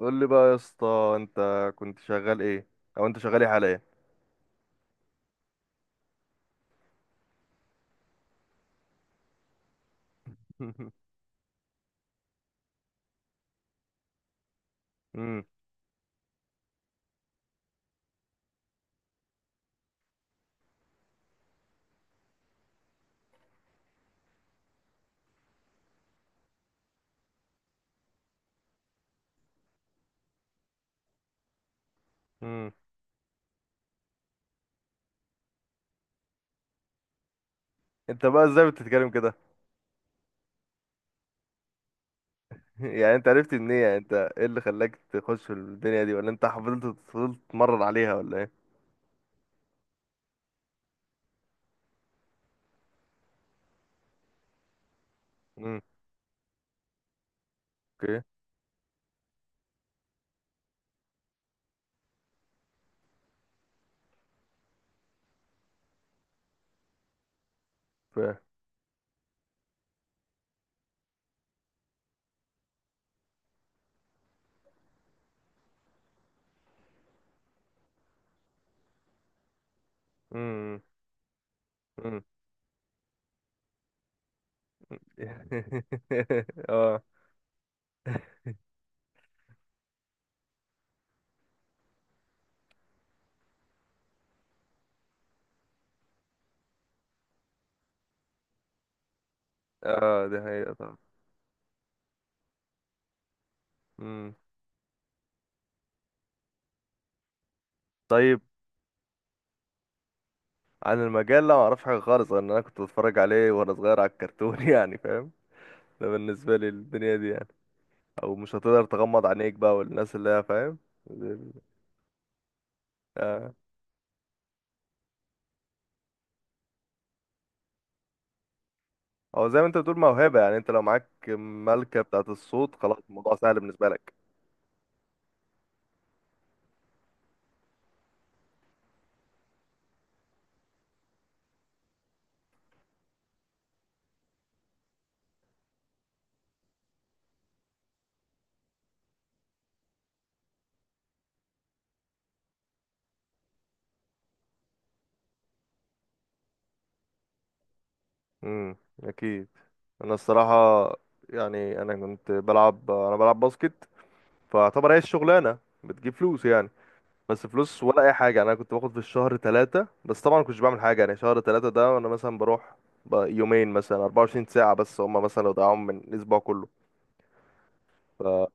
قول لي بقى يا اسطى، انت كنت شغال ايه؟ او انت شغال ايه حاليا؟ امم امم انت بقى ازاي بتتكلم كده؟ يعني انت عرفت منين؟ يعني انت ايه اللي خلاك تخش في الدنيا دي ولا انت فضلت تتمرن عليها ولا ايه؟ امم اوكي. فاهم. امم امم اه، اه، دي حقيقة طبعا. امم طيب. عن المجال، لا ما اعرفش حاجة خالص، غير ان انا كنت بتفرج عليه وانا صغير على الكرتون يعني فاهم. ده بالنسبة لي الدنيا دي يعني، او مش هتقدر تغمض عينيك بقى والناس اللي هي، فاهم. آه. او زي ما انت بتقول موهبة، يعني انت لو معاك ملكة بتاعة الصوت خلاص الموضوع سهل بالنسبة لك. امم اكيد. انا الصراحة، يعني انا بلعب باسكت، فاعتبر هي الشغلانة بتجيب فلوس يعني. بس فلوس ولا اي حاجة، انا كنت باخد في الشهر ثلاثة، بس طبعا كنتش بعمل حاجة يعني، شهر ثلاثة ده انا مثلا بروح يومين، مثلا 24 ساعة بس، هما مثلا لو ضيعوهم من الاسبوع كله فكان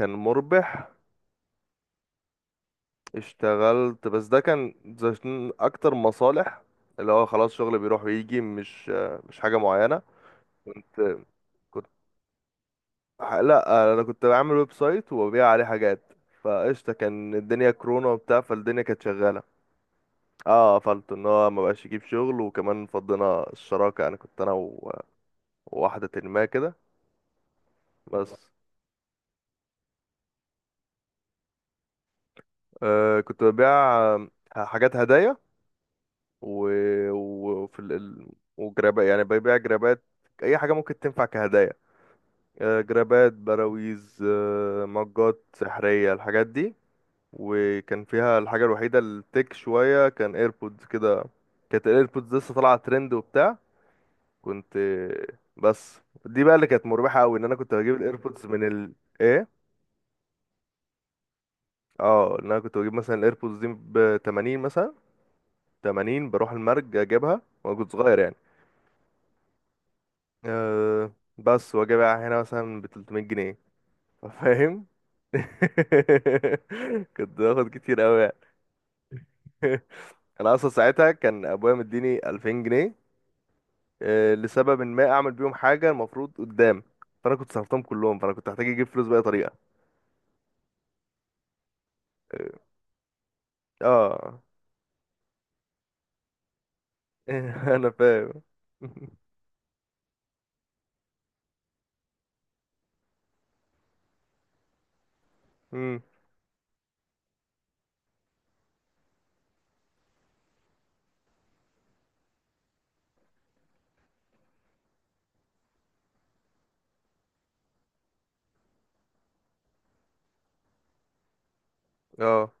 مربح. اشتغلت، بس ده كان عشان اكتر مصالح اللي هو خلاص، شغل بيروح ويجي، مش حاجة معينة. كنت كنت لا، انا كنت بعمل ويب سايت وببيع عليه حاجات، فقشطة، كان الدنيا كورونا وبتاع، فالدنيا كانت شغالة. اه قفلت، ان هو ما بقاش يجيب شغل، وكمان فضينا الشراكة، يعني كنت انا وواحدة ما كده. بس كنت ببيع حاجات هدايا و... وفي ال... ال- وجرابات، يعني ببيع جرابات، اي حاجة ممكن تنفع كهدايا، جرابات، براويز، مجات سحرية، الحاجات دي. وكان فيها الحاجة الوحيدة التك شوية كان ايربودز كده. كانت الايربودز لسه طالعة ترند وبتاع. كنت بس دي بقى اللي كانت مربحة قوي، ان انا كنت بجيب الايربودز من ال، ايه، اه، ان انا كنت بجيب مثلا الايربودز دي ب 80 مثلا، 80 بروح المرج اجيبها، وانا كنت صغير يعني. أه. بس واجي بقى هنا مثلا ب 300 جنيه، فاهم؟ كنت باخد كتير قوي. انا اصلا ساعتها كان ابويا مديني 2000 جنيه، لسبب إن ما اعمل بيهم حاجه المفروض قدام. فانا كنت صرفتهم كلهم، فانا كنت هحتاج اجيب فلوس باي طريقه. اه. انا فاهم. امم اه.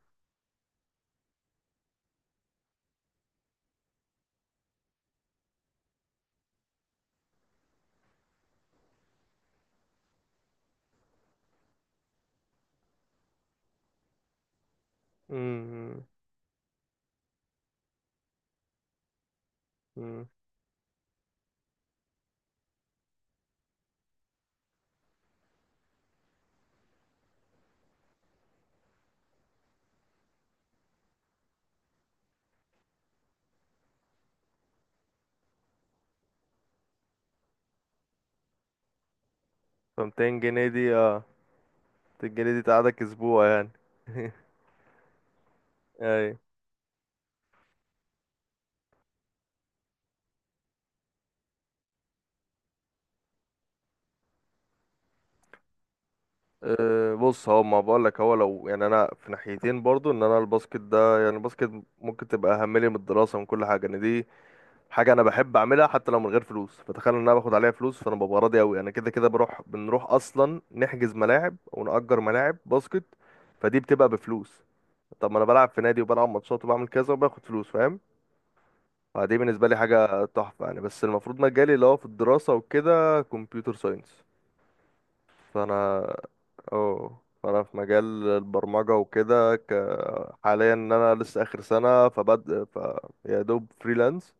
امم امم ف 200 جنيه دي؟ اه، 200 جنيه دي تقعدك اسبوع يعني. اي. أه بص، هو ما بقول لك، هو لو يعني، انا في ناحيتين برضو، ان انا الباسكت ده، يعني الباسكت ممكن تبقى اهم لي من الدراسه ومن كل حاجه، ان دي حاجه انا بحب اعملها حتى لو من غير فلوس، فتخيل ان انا باخد عليها فلوس، فانا ببقى راضي قوي. انا كده كده بروح، بنروح اصلا نحجز ملاعب ونأجر ملاعب باسكت، فدي بتبقى بفلوس. طب ما انا بلعب في نادي وبلعب ماتشات وبعمل كذا وباخد فلوس، فاهم؟ فدي بالنسبه لي حاجه تحفه يعني. بس المفروض مجالي اللي هو في الدراسه وكده كمبيوتر ساينس. فانا اه فانا في مجال البرمجه وكده حاليا ان انا لسه اخر سنه فبد ف يا دوب فريلانس.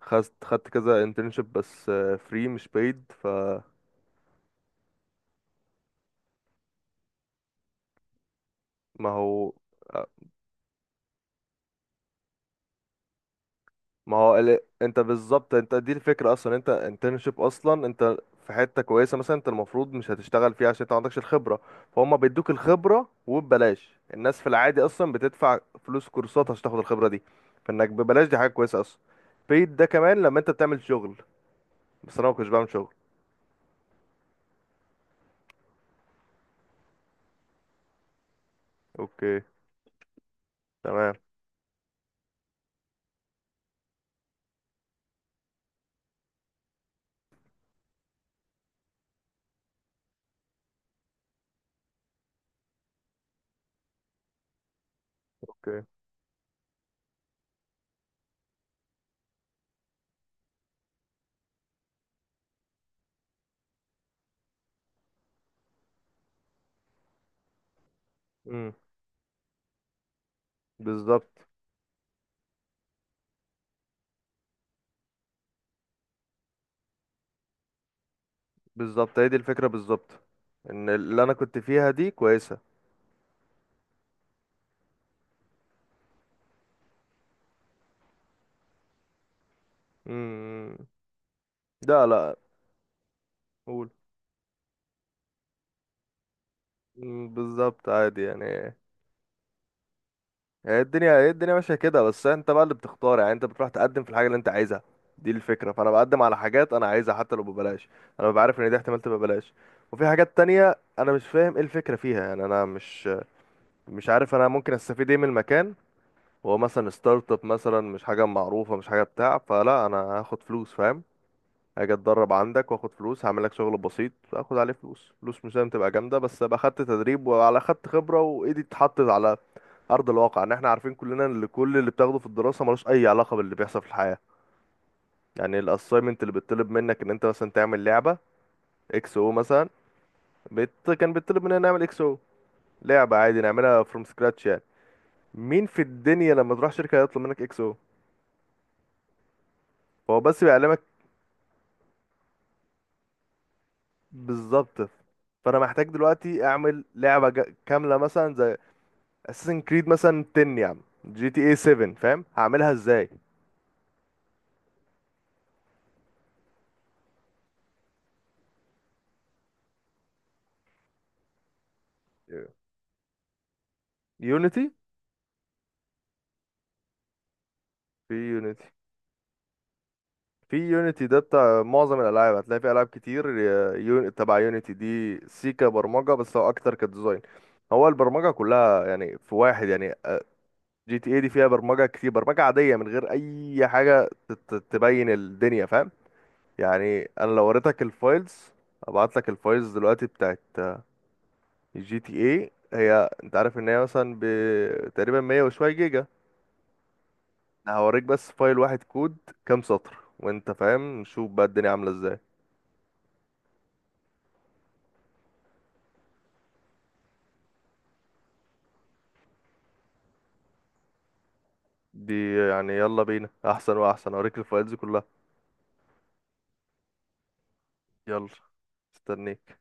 خدت كذا انترنشيب، بس فري مش paid فما هو. ما هو انت بالظبط، انت دي الفكرة اصلا، انت انترنشيب اصلا، انت في حتة كويسة مثلا، انت المفروض مش هتشتغل فيها عشان انت ما عندكش الخبرة، فهم بيدوك الخبرة وببلاش. الناس في العادي اصلا بتدفع فلوس كورسات عشان تاخد الخبرة دي، فانك ببلاش دي حاجة كويسة اصلا. paid ده كمان لما انت بتعمل شغل، بس انا ما كنتش بعمل شغل. اوكي. تمام. اوكي. امم بالظبط. هي دي الفكرة بالظبط، ان اللي انا كنت فيها دي كويسة. امم لا، لا، قول. مم، بالظبط، عادي يعني. هي الدنيا ماشية كده، بس انت بقى اللي بتختار، يعني انت بتروح تقدم في الحاجة اللي انت عايزها، دي الفكرة. فانا بقدم على حاجات انا عايزها حتى لو ببلاش، انا ببقى عارف ان دي احتمال تبقى ببلاش. وفي حاجات تانية انا مش فاهم ايه الفكرة فيها، يعني انا مش عارف انا ممكن استفيد ايه من المكان. هو مثلا ستارت اب مثلا مش حاجة معروفة، مش حاجة بتاع، فلا انا هاخد فلوس، فاهم؟ هاجي اتدرب عندك واخد فلوس، هعمل لك شغل بسيط اخد عليه فلوس، فلوس مش لازم تبقى جامده، بس ابقى خدت تدريب وعلى خدت خبره وايدي اتحطت على ارض الواقع، ان احنا عارفين كلنا ان كل اللي بتاخده في الدراسه ملوش اي علاقه باللي بيحصل في الحياه. يعني الاساينمنت اللي بيطلب منك ان انت مثلا تعمل لعبه اكس او مثلا، كان بيطلب مننا نعمل اكس او، لعبه عادي نعملها فروم سكراتش يعني. مين في الدنيا لما تروح شركه يطلب منك اكس او؟ هو بس بيعلمك. بالظبط. فانا محتاج دلوقتي اعمل لعبه كامله، مثلا اساسن كريد مثلا 10، يا عم جي تي اي 7، فاهم هعملها ازاي؟ يونيتي. في يونيتي في يونيتي ده بتاع معظم الالعاب، هتلاقي في العاب كتير، تبع يونيتي دي سي كبرمجه، بس هو اكتر كديزاين. هو البرمجه كلها يعني، في واحد يعني جي تي اي دي فيها برمجه كتير، برمجه عاديه من غير اي حاجه تبين الدنيا، فاهم؟ يعني انا لو وريتك الفايلز، ابعت لك الفايلز دلوقتي بتاعت جي تي اي، هي انت عارف ان هي مثلا تقريبا 100 وشويه جيجا. هوريك بس فايل واحد كود، كام سطر، وانت فاهم نشوف بقى الدنيا عاملة ازاي. دي يعني يلا بينا، احسن واحسن هوريك الفايلز كلها. يلا. استنيك.